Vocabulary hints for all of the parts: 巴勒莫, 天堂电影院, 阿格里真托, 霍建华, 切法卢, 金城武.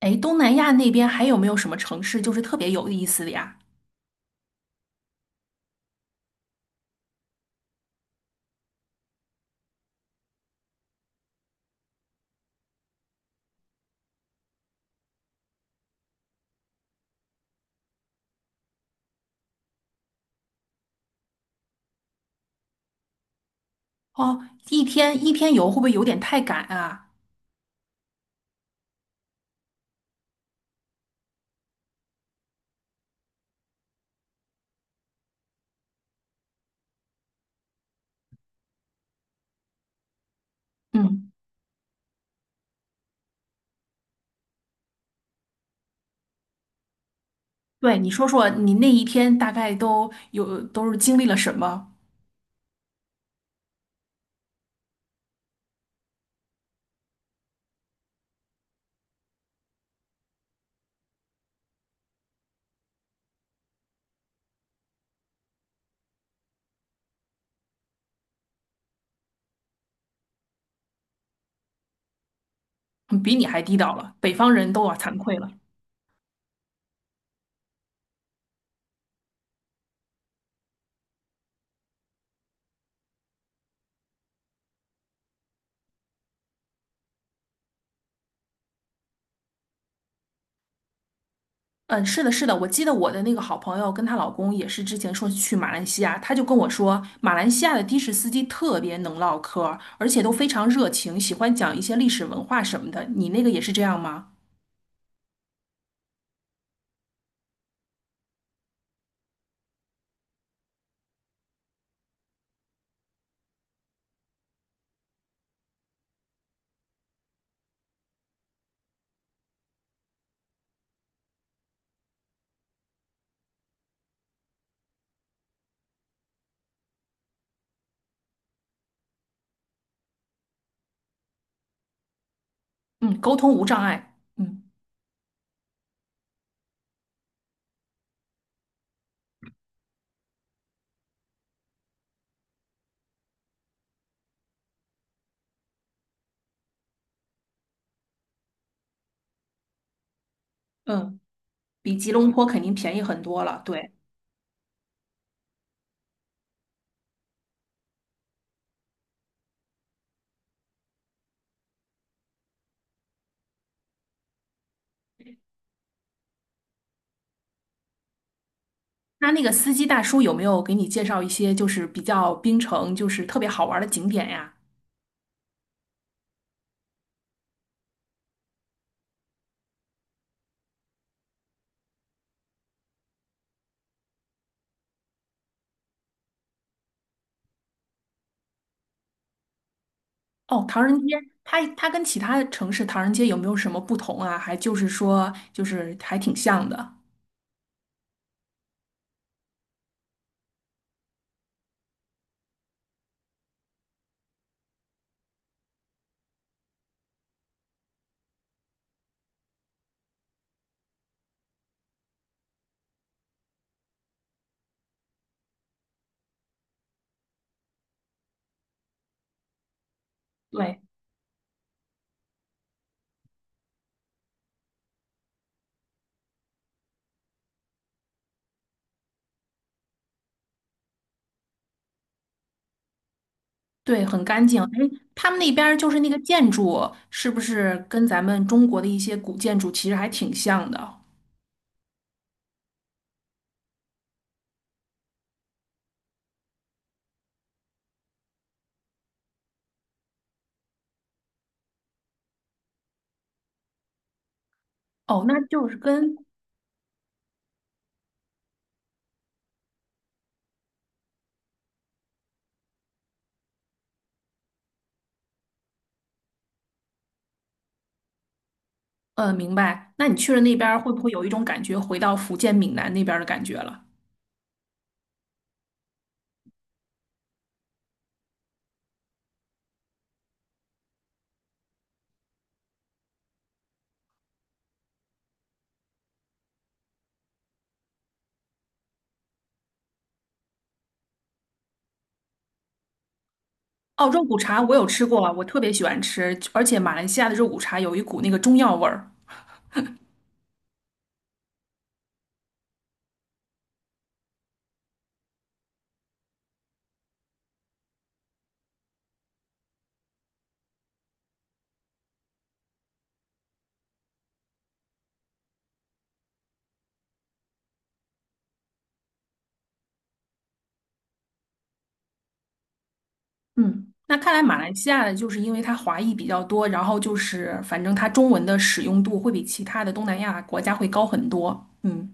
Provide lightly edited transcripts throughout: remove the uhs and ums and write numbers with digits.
哎，东南亚那边还有没有什么城市就是特别有意思的呀？哦，一天一天游会不会有点太赶啊？嗯，对，你说说你那一天大概都是经历了什么？嗯比你还地道了，北方人都要惭愧了。嗯，是的，是的，我记得我的那个好朋友跟她老公也是之前说去马来西亚，她就跟我说，马来西亚的士司机特别能唠嗑儿而且都非常热情，喜欢讲一些历史文化什么的。你那个也是这样吗？嗯，沟通无障碍。嗯嗯。比吉隆坡肯定便宜很多了。对，那个司机大叔有没有给你介绍一些就是比较槟城就是特别好玩的景点呀？哦，唐人街，它跟其他城市唐人街有没有什么不同啊？还就是说就是还挺像的。对对，很干净。哎，他们那边儿就是那个建筑，是不是跟咱们中国的一些古建筑其实还挺像的？哦，那就是跟，呃，明白。那你去了那边儿，会不会有一种感觉回到福建闽南那边儿的感觉了？哦，肉骨茶我有吃过，我特别喜欢吃，而且马来西亚的肉骨茶有一股那个中药味儿。嗯，那看来马来西亚的就是因为它华裔比较多，然后就是反正它中文的使用度会比其他的东南亚国家会高很多。嗯，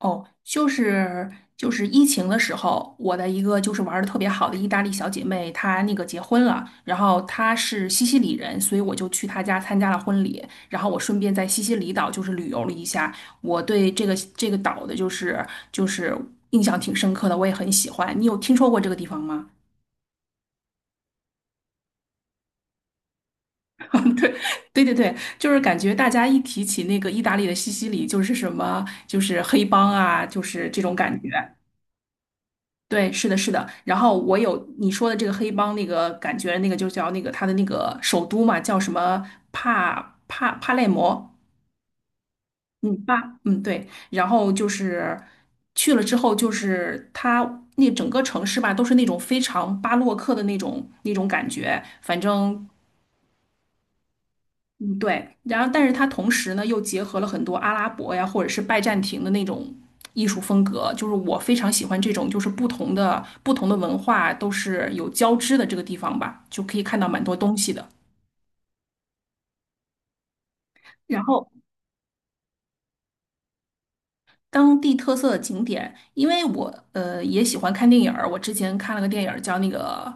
哦，就是疫情的时候，我的一个就是玩的特别好的意大利小姐妹，她那个结婚了，然后她是西西里人，所以我就去她家参加了婚礼，然后我顺便在西西里岛就是旅游了一下，我对这个岛的就是印象挺深刻的，我也很喜欢。你有听说过这个地方吗？对对对，就是感觉大家一提起那个意大利的西西里，就是什么就是黑帮啊，就是这种感觉。对，是的，是的。然后我有你说的这个黑帮那个感觉，那个就叫那个他的那个首都嘛，叫什么帕累摩，嗯，巴，嗯，对。然后就是去了之后，就是他那整个城市吧，都是那种非常巴洛克的那种感觉，反正嗯，对，然后但是它同时呢又结合了很多阿拉伯呀，或者是拜占庭的那种艺术风格，就是我非常喜欢这种，就是不同的文化都是有交织的这个地方吧，就可以看到蛮多东西的。然后当地特色的景点，因为我也喜欢看电影儿，我之前看了个电影儿叫那个。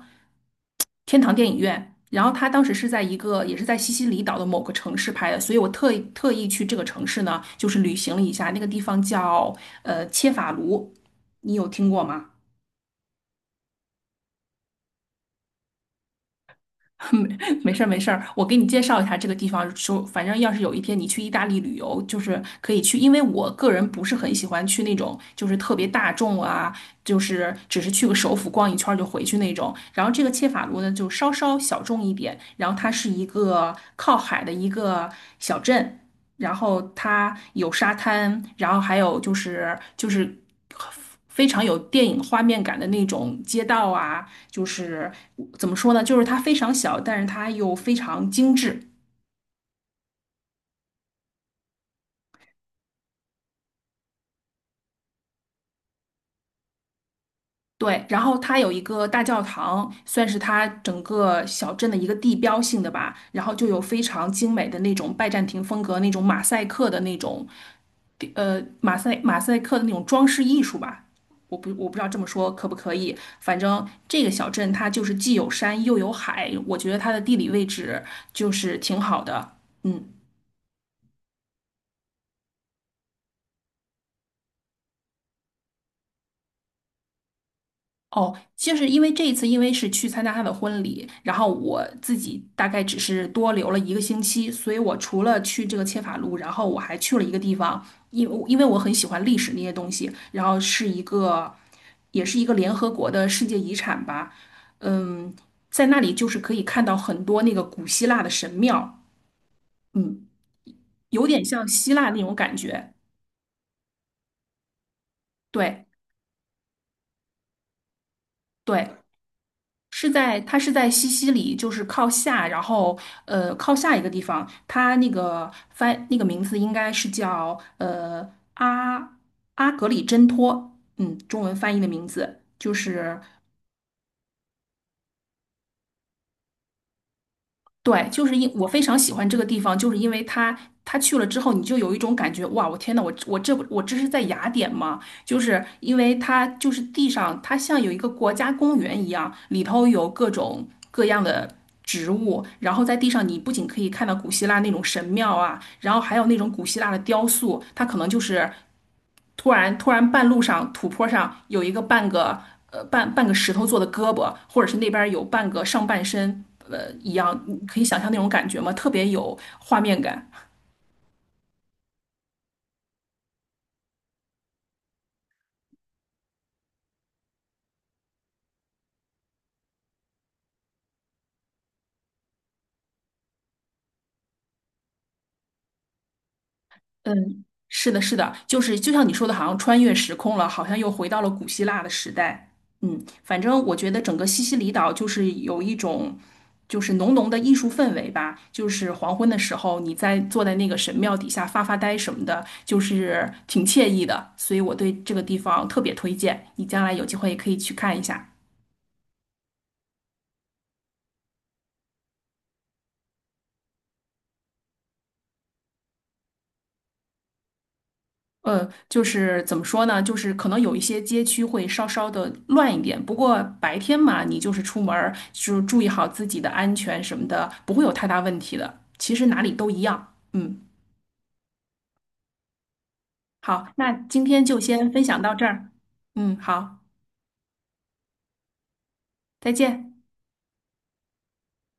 天堂电影院，然后他当时是在一个也是在西西里岛的某个城市拍的，所以我特意去这个城市呢，就是旅行了一下，那个地方叫切法卢，你有听过吗？没事儿没事儿，我给你介绍一下这个地方。说，反正要是有一天你去意大利旅游，就是可以去，因为我个人不是很喜欢去那种就是特别大众啊，就是只是去个首府逛一圈儿就回去那种。然后这个切法卢呢，就稍稍小众一点，然后它是一个靠海的一个小镇，然后它有沙滩，然后还有就是。非常有电影画面感的那种街道啊，就是怎么说呢？就是它非常小，但是它又非常精致。对，然后它有一个大教堂，算是它整个小镇的一个地标性的吧。然后就有非常精美的那种拜占庭风格、那种马赛克的那种，呃，马赛克的那种装饰艺术吧。我不知道这么说可不可以，反正这个小镇它就是既有山又有海，我觉得它的地理位置就是挺好的。嗯。哦，就是因为这一次，因为是去参加他的婚礼，然后我自己大概只是多留了一个星期，所以我除了去这个切法路，然后我还去了一个地方，因为我很喜欢历史那些东西，然后是一个，也是一个联合国的世界遗产吧，嗯，在那里就是可以看到很多那个古希腊的神庙，嗯，有点像希腊那种感觉，对对。是在它是在西西里，就是靠下，然后靠下一个地方，它那个翻那个名字应该是叫阿阿格里真托，嗯，中文翻译的名字就是对，就是因我非常喜欢这个地方，就是因为它，它去了之后，你就有一种感觉，哇，我天呐，我这是在雅典吗？就是因为它就是地上，它像有一个国家公园一样，里头有各种各样的植物，然后在地上你不仅可以看到古希腊那种神庙啊，然后还有那种古希腊的雕塑，它可能就是突然半路上土坡上有一个半个半个石头做的胳膊，或者是那边有半个上半身一样，你可以想象那种感觉吗？特别有画面感。嗯，是的，是的，就是就像你说的，好像穿越时空了，好像又回到了古希腊的时代。嗯，反正我觉得整个西西里岛就是有一种，就是浓浓的艺术氛围吧。就是黄昏的时候，你在坐在那个神庙底下发发呆什么的，就是挺惬意的。所以我对这个地方特别推荐，你将来有机会也可以去看一下。呃，就是怎么说呢？就是可能有一些街区会稍稍的乱一点，不过白天嘛，你就是出门儿，就是注意好自己的安全什么的，不会有太大问题的。其实哪里都一样。嗯，好，那今天就先分享到这儿。嗯，好，再见。